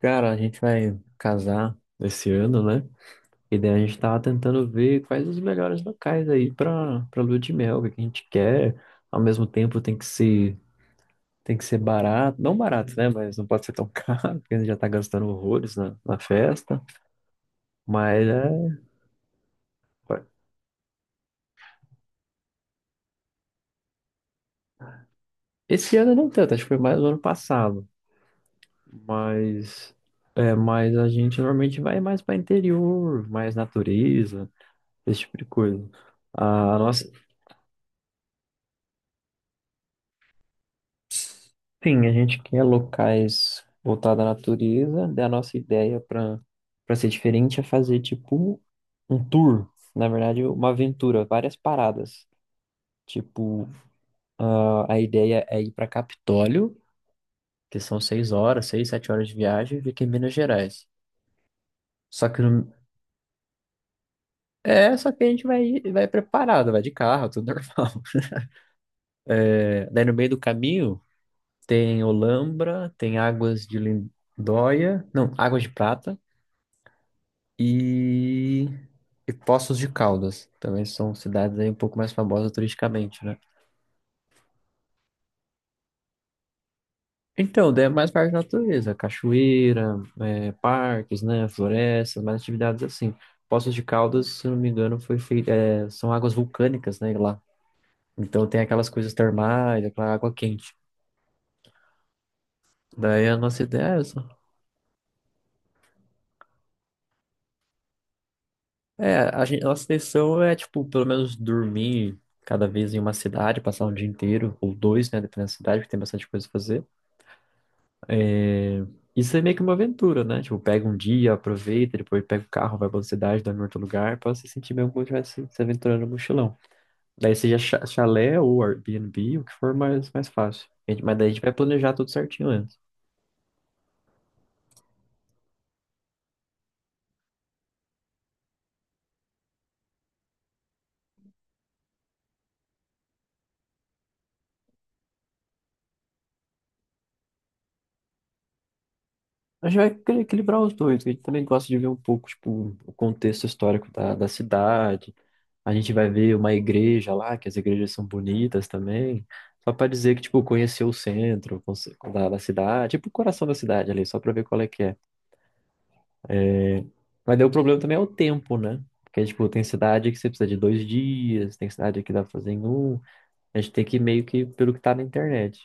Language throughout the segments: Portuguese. Cara, a gente vai casar esse ano, né? E daí a gente tava tentando ver quais os melhores locais aí pra lua de mel, o que a gente quer. Ao mesmo tempo tem que ser barato, não barato, né? Mas não pode ser tão caro, porque a gente já tá gastando horrores na festa. Mas é. Esse ano não tanto, acho que foi mais o ano passado. Mas. É, mas a gente normalmente vai mais pra interior, mais natureza, esse tipo de coisa. A nossa. Sim, a gente quer locais voltados à natureza. Daí a nossa ideia para ser diferente é fazer tipo um tour, na verdade, uma aventura, várias paradas. Tipo, ah, a ideia é ir para Capitólio, que são seis horas, seis, sete horas de viagem, e fica em Minas Gerais. Só que no- é, só que a gente vai preparado, vai de carro, tudo normal. É, daí no meio do caminho tem Olambra, tem Águas de Lindóia, não, Águas de Prata. e, e Poços de Caldas. Também são cidades aí um pouco mais famosas turisticamente, né? Então, daí é mais parte da natureza, cachoeira, é, parques, né, florestas, mais atividades assim. Poços de Caldas, se não me engano, foi feita, é, são águas vulcânicas, né, lá. Então tem aquelas coisas termais, aquela água quente. Daí a nossa ideia é essa. É, a gente, nossa intenção é, tipo, pelo menos dormir cada vez em uma cidade, passar um dia inteiro, ou dois, né, dependendo da cidade, porque tem bastante coisa a fazer. É, isso é meio que uma aventura, né? Tipo, pega um dia, aproveita, depois pega o carro, vai pra outra cidade, dorme em outro lugar, pra você sentir mesmo como estivesse se aventurando no mochilão. Daí seja chalé ou Airbnb, o que for mais fácil. A gente- Mas daí a gente vai planejar tudo certinho antes. A gente vai equilibrar os dois, a gente também gosta de ver um pouco, tipo, o contexto histórico da cidade. A gente vai ver uma igreja lá, que as igrejas são bonitas também. Só pra dizer que, tipo, conhecer o centro da cidade, tipo, o coração da cidade ali, só pra ver qual é que é. Mas daí o problema também é o tempo, né? Porque, tipo, tem cidade que você precisa de dois dias, tem cidade que dá pra fazer em um. A gente tem que ir meio que pelo que tá na internet.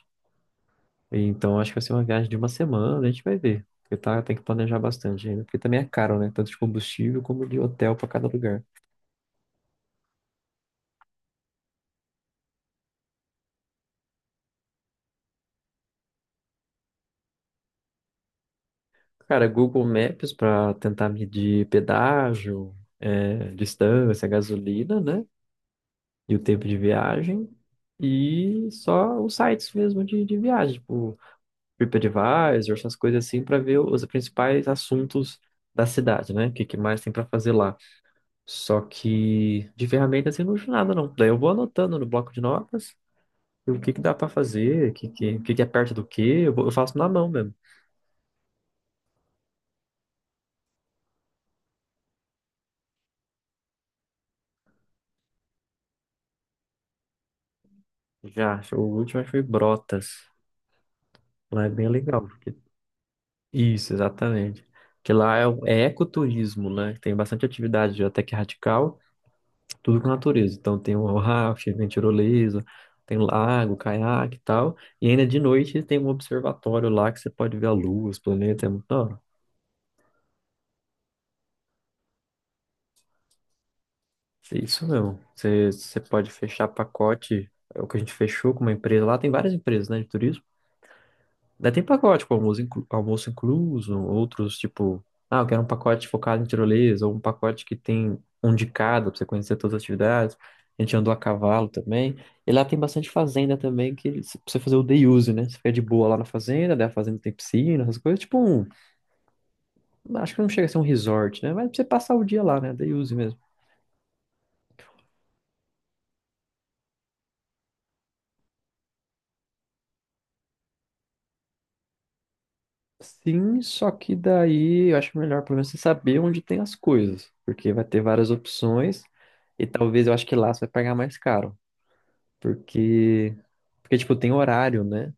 Então, acho que vai ser uma viagem de uma semana, a gente vai ver. Porque tá, tem que planejar bastante ainda. Porque também é caro, né? Tanto de combustível como de hotel pra cada lugar. Cara, Google Maps pra tentar medir pedágio, é, distância, gasolina, né? E o tempo de viagem. E só os sites mesmo de viagem, tipo TripAdvisor, essas coisas assim, para ver os principais assuntos da cidade, né? O que, que mais tem para fazer lá. Só que de ferramenta assim não uso nada, não. Daí eu vou anotando no bloco de notas o que, que dá para fazer, o que, que é perto do quê, eu faço na mão mesmo. Já, o último acho que foi Brotas. Lá é bem legal. Porque- Isso, exatamente. Que lá é, o- é ecoturismo, né? Tem bastante atividade até que radical. Tudo com natureza. Então tem o rafting, tem tirolesa, tem lago, caiaque e tal. E ainda de noite tem um observatório lá que você pode ver a lua, os planetas, é muito da hora. É isso mesmo. Você pode fechar pacote, é o que a gente fechou com uma empresa lá, tem várias empresas, né, de turismo. Daí tem pacote, com almoço, almoço incluso, outros tipo, ah, eu quero um pacote focado em tirolesa, ou um pacote que tem um de cada, pra você conhecer todas as atividades. A gente andou a cavalo também. E lá tem bastante fazenda também, que eles- pra você fazer o day use, né? Você fica de boa lá na fazenda, daí a fazenda tem piscina, essas coisas. Tipo um, acho que não chega a ser um resort, né? Mas pra você passar o dia lá, né? Day use mesmo. Sim, só que daí eu acho melhor pelo menos você saber onde tem as coisas, porque vai ter várias opções. E talvez eu acho que lá você vai pagar mais caro. Porque, porque tipo, tem horário, né?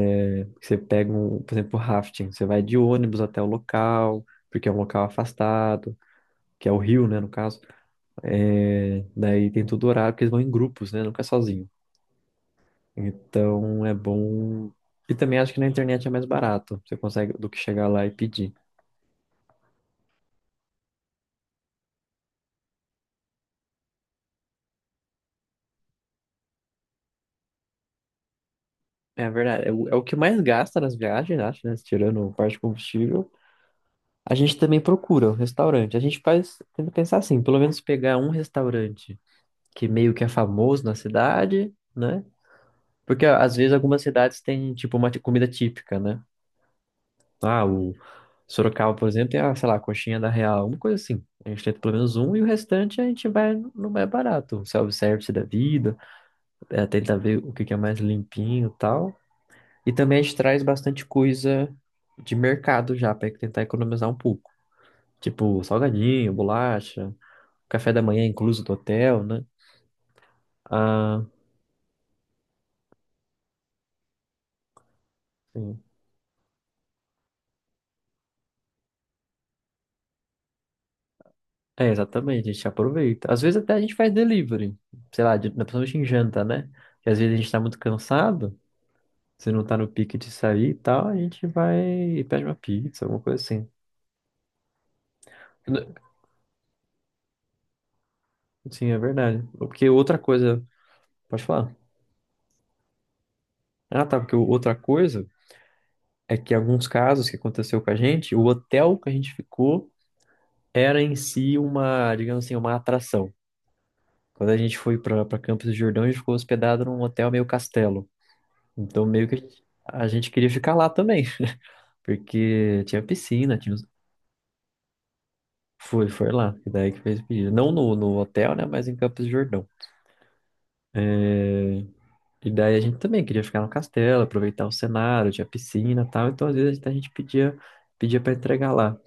É, você pega um, por exemplo, rafting, você vai de ônibus até o local, porque é um local afastado, que é o rio, né, no caso. É, daí tem todo horário, porque eles vão em grupos, né, nunca é sozinho. Então é bom. E também acho que na internet é mais barato, você consegue do que chegar lá e pedir. É verdade, é o que mais gasta nas viagens, acho, né, tirando parte de combustível. A gente também procura um restaurante. A gente faz, tenta pensar assim, pelo menos pegar um restaurante que meio que é famoso na cidade, né? Porque ó, às vezes algumas cidades têm tipo uma comida típica, né? Ah, o Sorocaba, por exemplo, tem a, sei lá, a coxinha da Real, uma coisa assim. A gente tenta pelo menos um e o restante a gente vai no mais barato, um self-service da vida, é, tenta ver o que que é mais limpinho e tal. E também a gente traz bastante coisa de mercado já, para tentar economizar um pouco. Tipo, salgadinho, bolacha, café da manhã incluso do hotel, né? Ah, é, exatamente, a gente aproveita. Às vezes até a gente faz delivery, sei lá, de, principalmente em janta, né? Que às vezes a gente tá muito cansado, se não tá no pique de sair e tal, a gente vai e pede uma pizza, alguma coisa assim. N- Sim, é verdade. Porque outra coisa, pode falar? Ah, tá, porque outra coisa é que alguns casos que aconteceu com a gente, o hotel que a gente ficou era em si uma, digamos assim, uma atração. Quando a gente foi pra Campos do Jordão, a gente ficou hospedado num hotel meio castelo. Então meio que a gente queria ficar lá também. Porque tinha piscina, tinha... os- Foi, foi lá, que daí que fez o pedido. Não no hotel, né, mas em Campos do Jordão. É, e daí a gente também queria ficar no castelo, aproveitar o cenário, tinha piscina e tal. Então, às vezes, a gente pedia para entregar lá.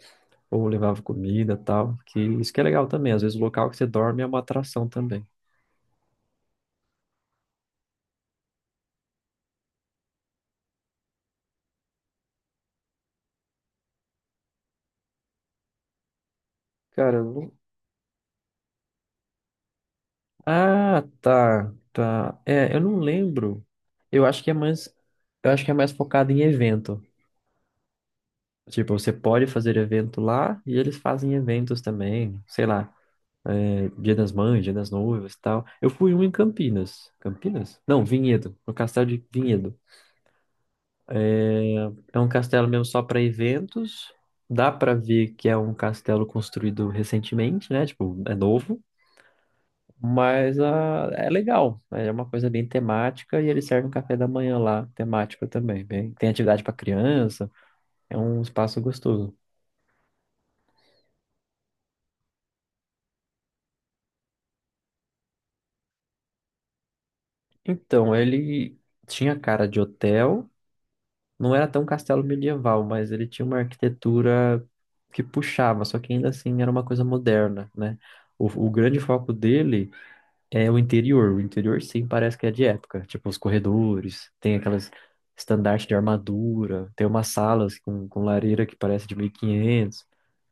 Ou levava comida e tal, que isso que é legal também. Às vezes, o local que você dorme é uma atração também. Cara, eu não... Ah, tá, tá. É, eu não lembro. Eu acho que é mais... Eu acho que é mais focado em evento. Tipo, você pode fazer evento lá e eles fazem eventos também, sei lá, é, Dia das Mães, Dia das Noivas e tal. Eu fui um em Campinas. Campinas? Não, Vinhedo, no castelo de Vinhedo. É, é um castelo mesmo só para eventos. Dá para ver que é um castelo construído recentemente, né? Tipo, é novo, mas ah, é legal. É uma coisa bem temática e eles servem um café da manhã lá, temático também. Bem, tem atividade para criança, é um espaço gostoso. Então, ele tinha cara de hotel, não era tão castelo medieval, mas ele tinha uma arquitetura que puxava, só que ainda assim era uma coisa moderna, né? O grande foco dele é o interior. O interior, sim, parece que é de época. Tipo, os corredores, tem aquelas estandartes de armadura, tem umas salas com lareira que parece de 1500.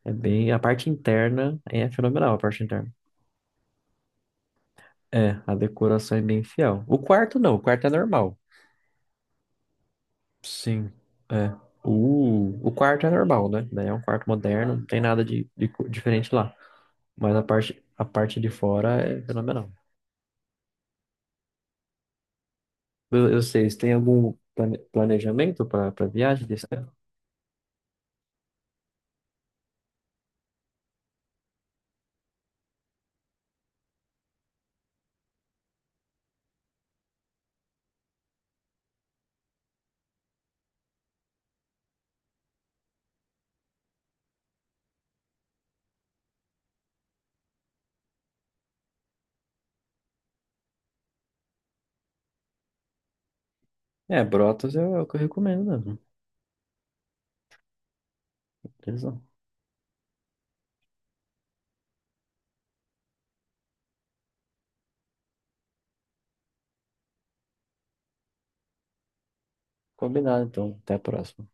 É bem... A parte interna é fenomenal, a parte interna. É, a decoração é bem fiel. O quarto não, o quarto é normal. Sim, é. O quarto é normal, né? Daí é um quarto moderno, não tem nada de diferente lá. Mas a parte de fora é fenomenal. Eu sei, vocês têm algum planejamento para para viagem desse ano? É, Brotas é o que eu recomendo mesmo. Beleza. Combinado, então. Até a próxima.